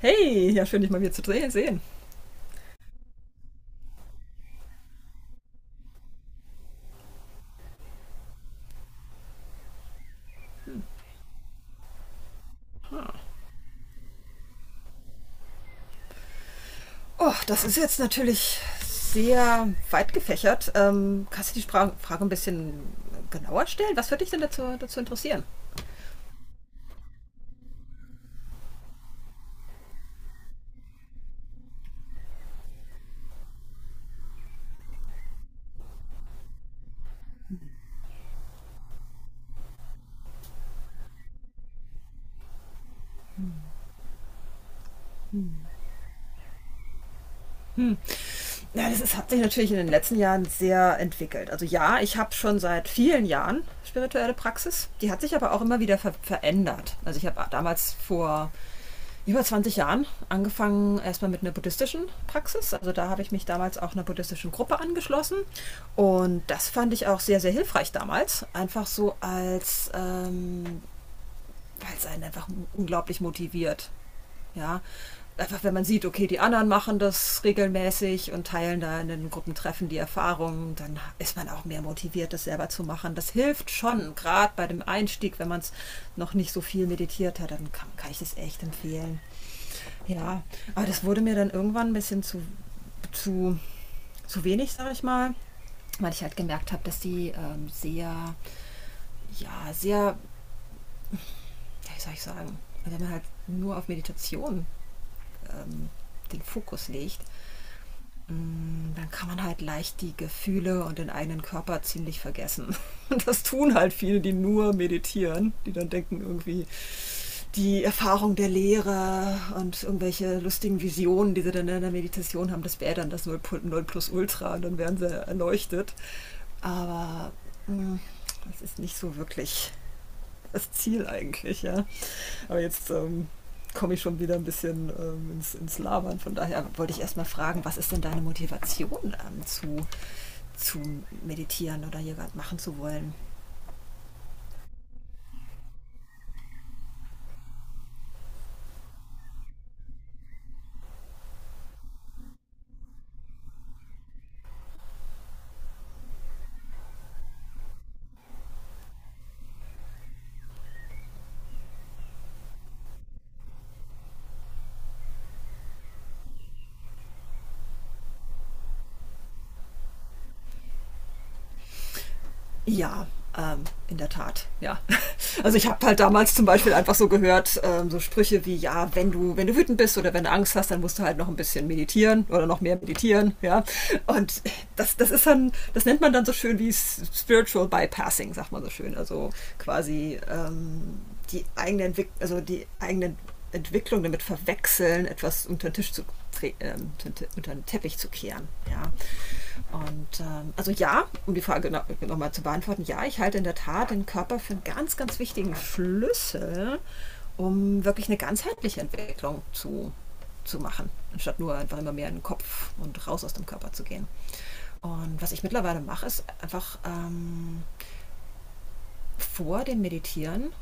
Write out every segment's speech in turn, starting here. Hey, ja, schön, dich mal wieder zu sehen. Oh, das ist jetzt natürlich sehr weit gefächert. Kannst du die Frage ein bisschen genauer stellen? Was würde dich denn dazu interessieren? Hm. Ja, das ist, hat sich natürlich in den letzten Jahren sehr entwickelt. Also ja, ich habe schon seit vielen Jahren spirituelle Praxis. Die hat sich aber auch immer wieder verändert. Also ich habe damals vor über 20 Jahren angefangen erstmal mit einer buddhistischen Praxis. Also da habe ich mich damals auch einer buddhistischen Gruppe angeschlossen. Und das fand ich auch sehr, sehr hilfreich damals. Einfach so als weil es einen einfach unglaublich motiviert. Ja, einfach wenn man sieht, okay, die anderen machen das regelmäßig und teilen da in den Gruppentreffen die Erfahrungen, dann ist man auch mehr motiviert, das selber zu machen. Das hilft schon, gerade bei dem Einstieg, wenn man es noch nicht so viel meditiert hat, dann kann ich es echt empfehlen. Ja, aber das wurde mir dann irgendwann ein bisschen zu, zu wenig, sage ich mal, weil ich halt gemerkt habe, dass die sehr, ja, sehr ja, wie soll ich sagen, wenn man halt nur auf Meditation ähm, den Fokus legt, dann kann man halt leicht die Gefühle und den eigenen Körper ziemlich vergessen. Das tun halt viele, die nur meditieren, die dann denken irgendwie die Erfahrung der Lehre und irgendwelche lustigen Visionen, die sie dann in der Meditation haben, das wäre dann das Null plus Ultra und dann wären sie erleuchtet. Aber mh, das ist nicht so wirklich das Ziel eigentlich, ja. Aber jetzt komme ich schon wieder ein bisschen ins Labern. Von daher wollte ich erstmal fragen, was ist denn deine Motivation zu meditieren oder hier gerade machen zu wollen? Ja, ähm, in der Tat, ja. Also ich habe halt damals zum Beispiel einfach so gehört, so Sprüche wie, ja, wenn du wütend bist oder wenn du Angst hast, dann musst du halt noch ein bisschen meditieren oder noch mehr meditieren, ja. Und das ist dann, das nennt man dann so schön wie Spiritual Bypassing, sagt man so schön. Also quasi die eigene Entwicklung, also die eigenen Entwicklung damit verwechseln, etwas unter den Tisch zu tre- äh, unter den Teppich zu kehren. Ja. Und also ja, um die Frage noch mal zu beantworten, ja, ich halte in der Tat den Körper für einen ganz, ganz wichtigen Schlüssel, um wirklich eine ganzheitliche Entwicklung zu machen, anstatt nur einfach immer mehr in den Kopf und raus aus dem Körper zu gehen. Und was ich mittlerweile mache, ist einfach vor dem Meditieren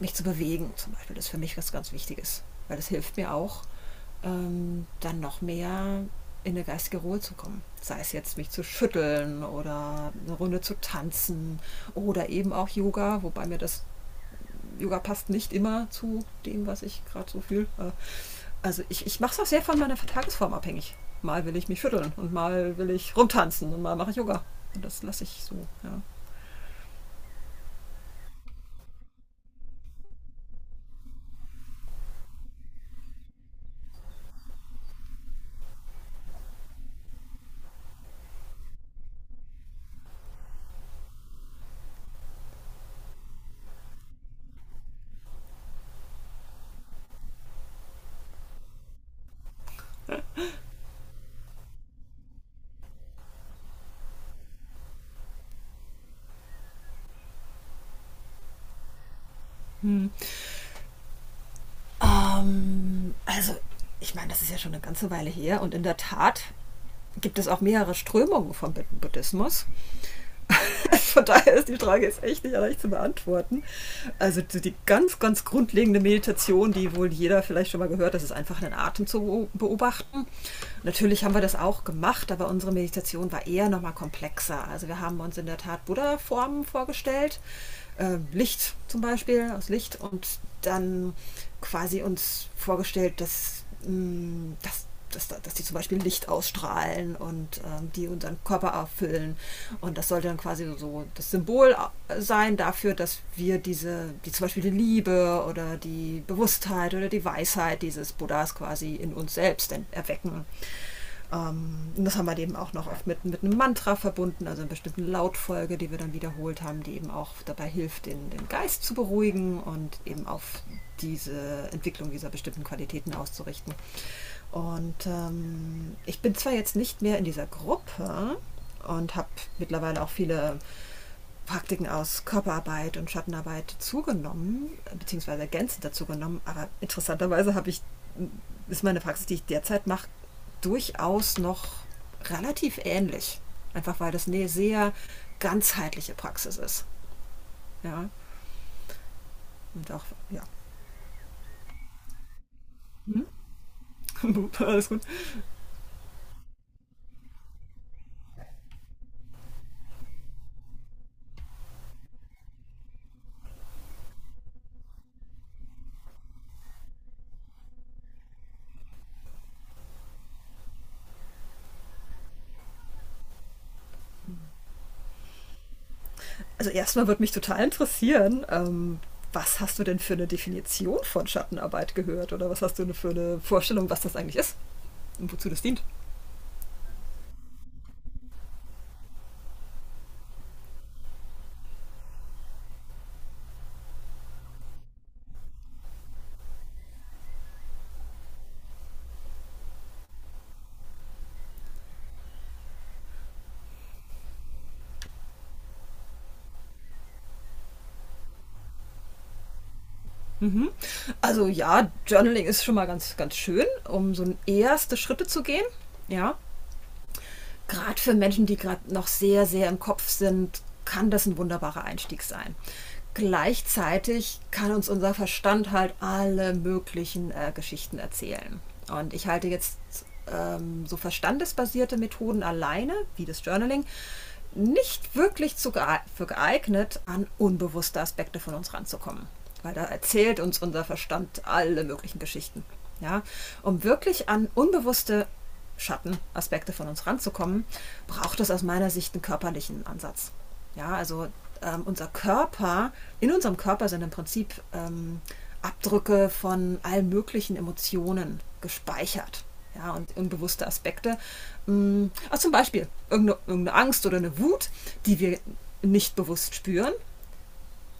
mich zu bewegen zum Beispiel, das ist für mich was ganz Wichtiges, weil das hilft mir auch, dann noch mehr in eine geistige Ruhe zu kommen. Sei es jetzt mich zu schütteln oder eine Runde zu tanzen oder eben auch Yoga, wobei mir das Yoga passt nicht immer zu dem, was ich gerade so fühle. Also ich mache es auch sehr von meiner Tagesform abhängig. Mal will ich mich schütteln und mal will ich rumtanzen und mal mache ich Yoga. Und das lasse ich so. Ja. Hm. Ähm, also, ich meine, das ist ja schon eine ganze Weile her und in der Tat gibt es auch mehrere Strömungen vom Buddhismus. Von daher ist die Frage jetzt echt nicht leicht zu beantworten. Also so die ganz, ganz grundlegende Meditation, die wohl jeder vielleicht schon mal gehört, das ist einfach den Atem zu beobachten. Natürlich haben wir das auch gemacht, aber unsere Meditation war eher nochmal komplexer. Also wir haben uns in der Tat Buddha-Formen vorgestellt Licht zum Beispiel, aus Licht und dann quasi uns vorgestellt, dass, mh, dass, dass, dass die zum Beispiel Licht ausstrahlen und die unseren Körper erfüllen. Und das sollte dann quasi so das Symbol sein dafür, dass wir diese, die zum Beispiel die Liebe oder die Bewusstheit oder die Weisheit dieses Buddhas quasi in uns selbst erwecken. Und das haben wir eben auch noch oft mit einem Mantra verbunden, also einer bestimmten Lautfolge, die wir dann wiederholt haben, die eben auch dabei hilft, den Geist zu beruhigen und eben auf diese Entwicklung dieser bestimmten Qualitäten auszurichten. Und ich bin zwar jetzt nicht mehr in dieser Gruppe und habe mittlerweile auch viele Praktiken aus Körperarbeit und Schattenarbeit zugenommen, beziehungsweise ergänzend dazu genommen. Aber interessanterweise ist meine Praxis, die ich derzeit mache, durchaus noch relativ ähnlich. Einfach weil das eine sehr ganzheitliche Praxis ist. Ja, und auch, ja. Hm? Alles gut. Also erstmal würde mich total interessieren, was hast du denn für eine Definition von Schattenarbeit gehört oder was hast du für eine Vorstellung, was das eigentlich ist und wozu das dient? Mhm. Also ja, Journaling ist schon mal ganz, ganz schön, um so erste Schritte zu gehen. Ja, gerade für Menschen, die gerade noch sehr, sehr im Kopf sind, kann das ein wunderbarer Einstieg sein. Gleichzeitig kann uns unser Verstand halt alle möglichen Geschichten erzählen. Und ich halte jetzt so verstandesbasierte Methoden alleine, wie das Journaling, nicht wirklich zu gee für geeignet, an unbewusste Aspekte von uns ranzukommen. Weil da erzählt uns unser Verstand alle möglichen Geschichten. Ja? Um wirklich an unbewusste Schattenaspekte von uns ranzukommen, braucht es aus meiner Sicht einen körperlichen Ansatz. Ja, also ähm, unser Körper, in unserem Körper sind im Prinzip Abdrücke von allen möglichen Emotionen gespeichert. Ja, und unbewusste Aspekte. Also zum Beispiel irgendeine Angst oder eine Wut, die wir nicht bewusst spüren,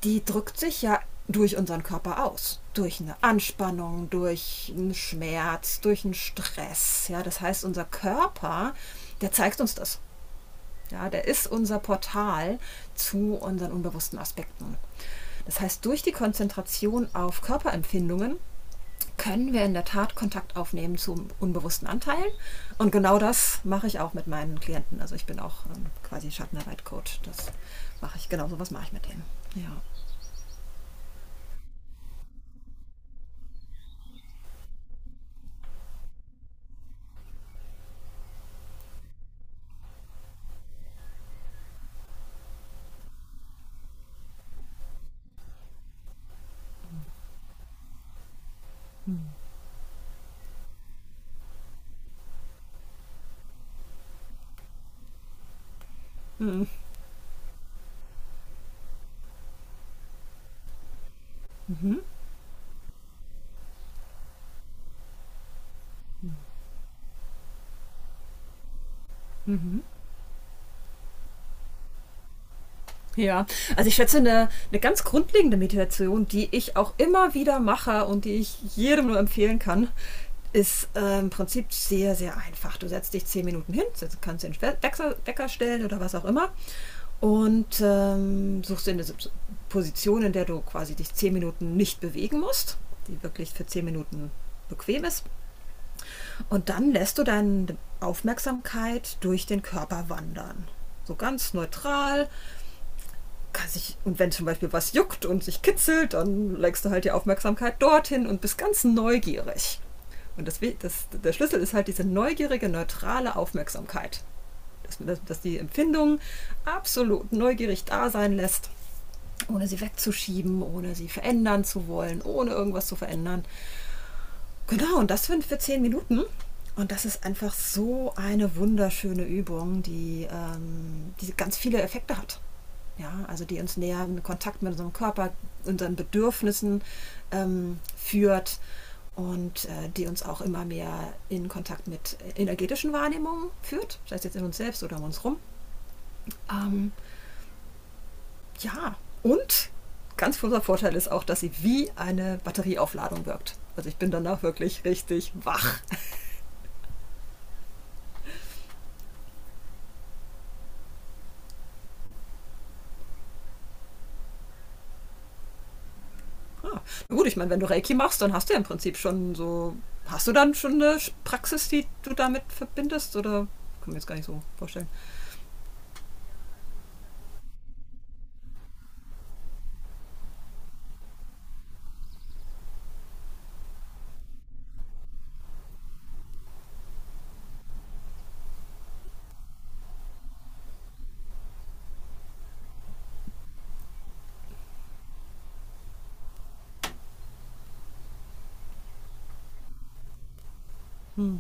die drückt sich ja durch unseren Körper aus. Durch eine Anspannung, durch einen Schmerz, durch einen Stress. Ja, das heißt, der zeigt uns das. Ja, der ist unser Portal zu unseren unbewussten Aspekten. Das heißt, durch die Konzentration auf Körperempfindungen können wir in der Tat Kontakt aufnehmen zu unbewussten Anteilen. Und genau das mache ich auch mit meinen Klienten. Also ich bin auch quasi Schattenarbeit-Coach. Das mache ich, genau so was mache ich mit denen. Ja. Ja, also ich schätze, eine ganz grundlegende Meditation, die ich auch immer wieder mache und die ich jedem nur empfehlen kann, ist im Prinzip sehr, sehr einfach. Du setzt dich 10 Minuten hin, kannst den Wecker stellen oder was auch immer und suchst dir eine Position, in der du quasi dich 10 Minuten nicht bewegen musst, die wirklich für 10 Minuten bequem ist. Und dann lässt du deine Aufmerksamkeit durch den Körper wandern. So ganz neutral kann sich, und wenn zum Beispiel was juckt und sich kitzelt, dann legst du halt die Aufmerksamkeit dorthin und bist ganz neugierig. Und der Schlüssel ist halt diese neugierige, neutrale Aufmerksamkeit. Dass die Empfindung absolut neugierig da sein lässt, ohne sie wegzuschieben, ohne sie verändern zu wollen, ohne irgendwas zu verändern. Genau, und das sind für 10 Minuten. Und das ist einfach so eine wunderschöne Übung, die ganz viele Effekte hat. Ja, also die uns näher in Kontakt mit unserem Körper, unseren Bedürfnissen führt und die uns auch immer mehr in Kontakt mit energetischen Wahrnehmungen führt, sei es jetzt in uns selbst oder um uns rum. Ähm, ja, und ganz großer Vorteil ist auch, dass sie wie eine Batterieaufladung wirkt. Also ich bin danach wirklich richtig wach. Ah, na gut, ich meine, wenn du Reiki machst, dann hast du ja im Prinzip schon so. Hast du dann schon eine Praxis, die du damit verbindest? Oder kann mir jetzt gar nicht so vorstellen. Hm.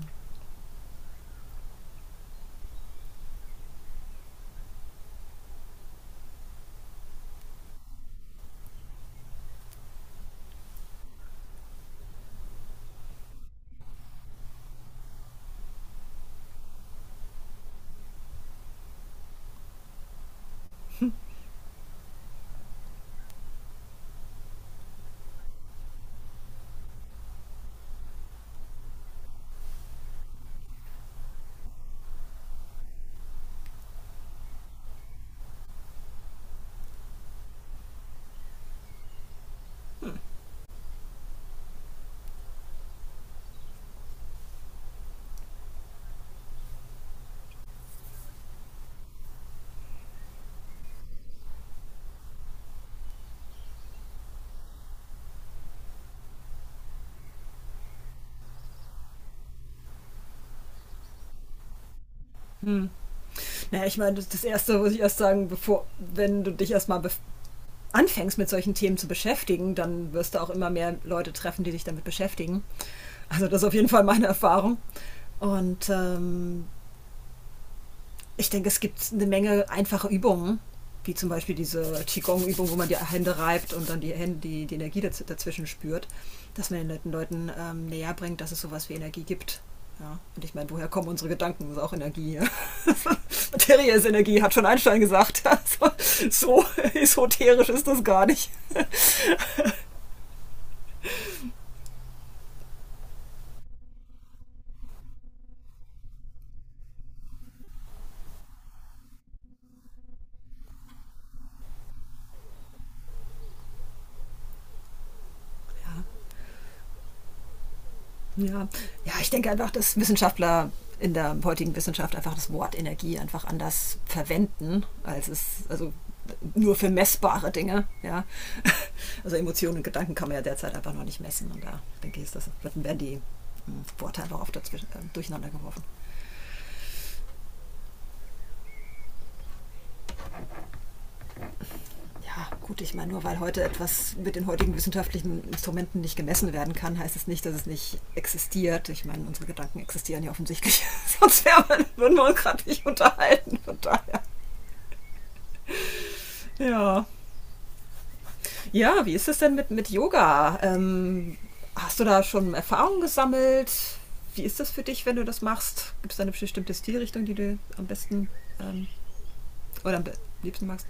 Hm. Naja, ich meine, das Erste muss ich erst sagen, wenn du dich erstmal anfängst mit solchen Themen zu beschäftigen, dann wirst du auch immer mehr Leute treffen, die sich damit beschäftigen. Also das ist auf jeden Fall meine Erfahrung. Und ich denke, es gibt eine Menge einfache Übungen, wie zum Beispiel diese Qigong-Übung, wo man die Hände reibt und dann die Hände, die Energie dazwischen spürt, dass man den Leuten näher bringt, dass es sowas wie Energie gibt. Ja, und ich meine, woher kommen unsere Gedanken? Das ist auch Energie. Ja. Materie ist Energie, hat schon Einstein gesagt. Also, so esoterisch ist das gar nicht. Ja. Ja, ich denke einfach, dass Wissenschaftler in der heutigen Wissenschaft einfach das Wort Energie einfach anders verwenden, als es, also nur für messbare Dinge, ja. Also Emotionen und Gedanken kann man ja derzeit einfach noch nicht messen und da denke ich, ist das, werden die Worte einfach oft dazwischen, durcheinander geworfen. Ja, gut, ich meine, nur weil heute etwas mit den heutigen wissenschaftlichen Instrumenten nicht gemessen werden kann, heißt es nicht, dass es nicht existiert. Ich meine, unsere Gedanken existieren ja offensichtlich, würden wir uns gerade nicht unterhalten, von daher. Ja. Ja, wie ist es denn mit Yoga? Hast du da schon Erfahrungen gesammelt? Wie ist das für dich, wenn du das machst? Gibt es da eine bestimmte Stilrichtung, die du am besten ähm, oder am liebsten magst?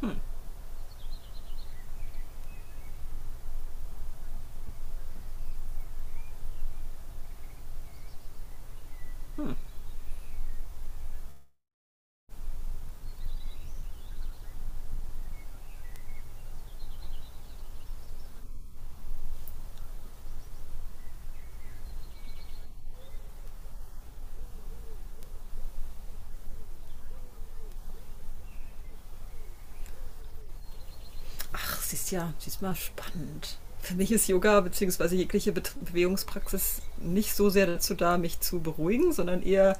Hm, hm. Ach, siehst ja, siehst mal spannend. Für mich ist Yoga bzw. jegliche Bewegungspraxis nicht so sehr dazu da, mich zu beruhigen, sondern eher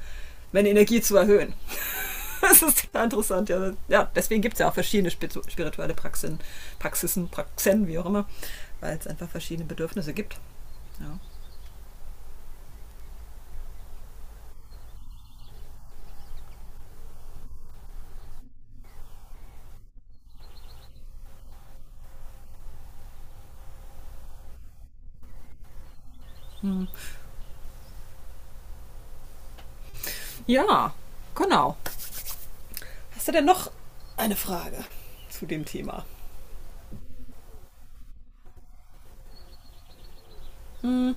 meine Energie zu erhöhen. Das ist total interessant, ja. Ja, deswegen gibt es ja auch verschiedene spirituelle Praxen, wie auch immer, weil es einfach verschiedene Bedürfnisse gibt. Ja. Ja, genau. Hast du denn noch eine Frage zu dem Thema? Mhm.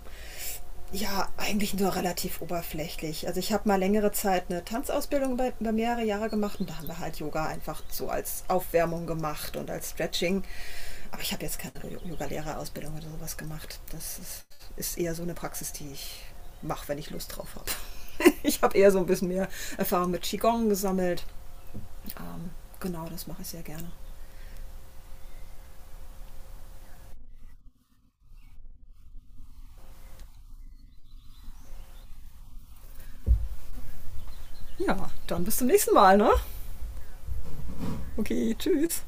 Ja, eigentlich nur relativ oberflächlich. Also ich habe mal längere Zeit eine Tanzausbildung über mehrere Jahre gemacht und da haben wir halt Yoga einfach so als Aufwärmung gemacht und als Stretching. Aber ich habe jetzt keine Yoga-Lehrerausbildung oder sowas gemacht. Ist eher so eine Praxis, die ich mache, wenn ich Lust drauf habe. Ich habe eher so ein bisschen mehr Erfahrung mit Qigong gesammelt. Ähm, genau, das mache ich sehr gerne. Ja, dann bis zum nächsten Mal, ne? Okay, tschüss.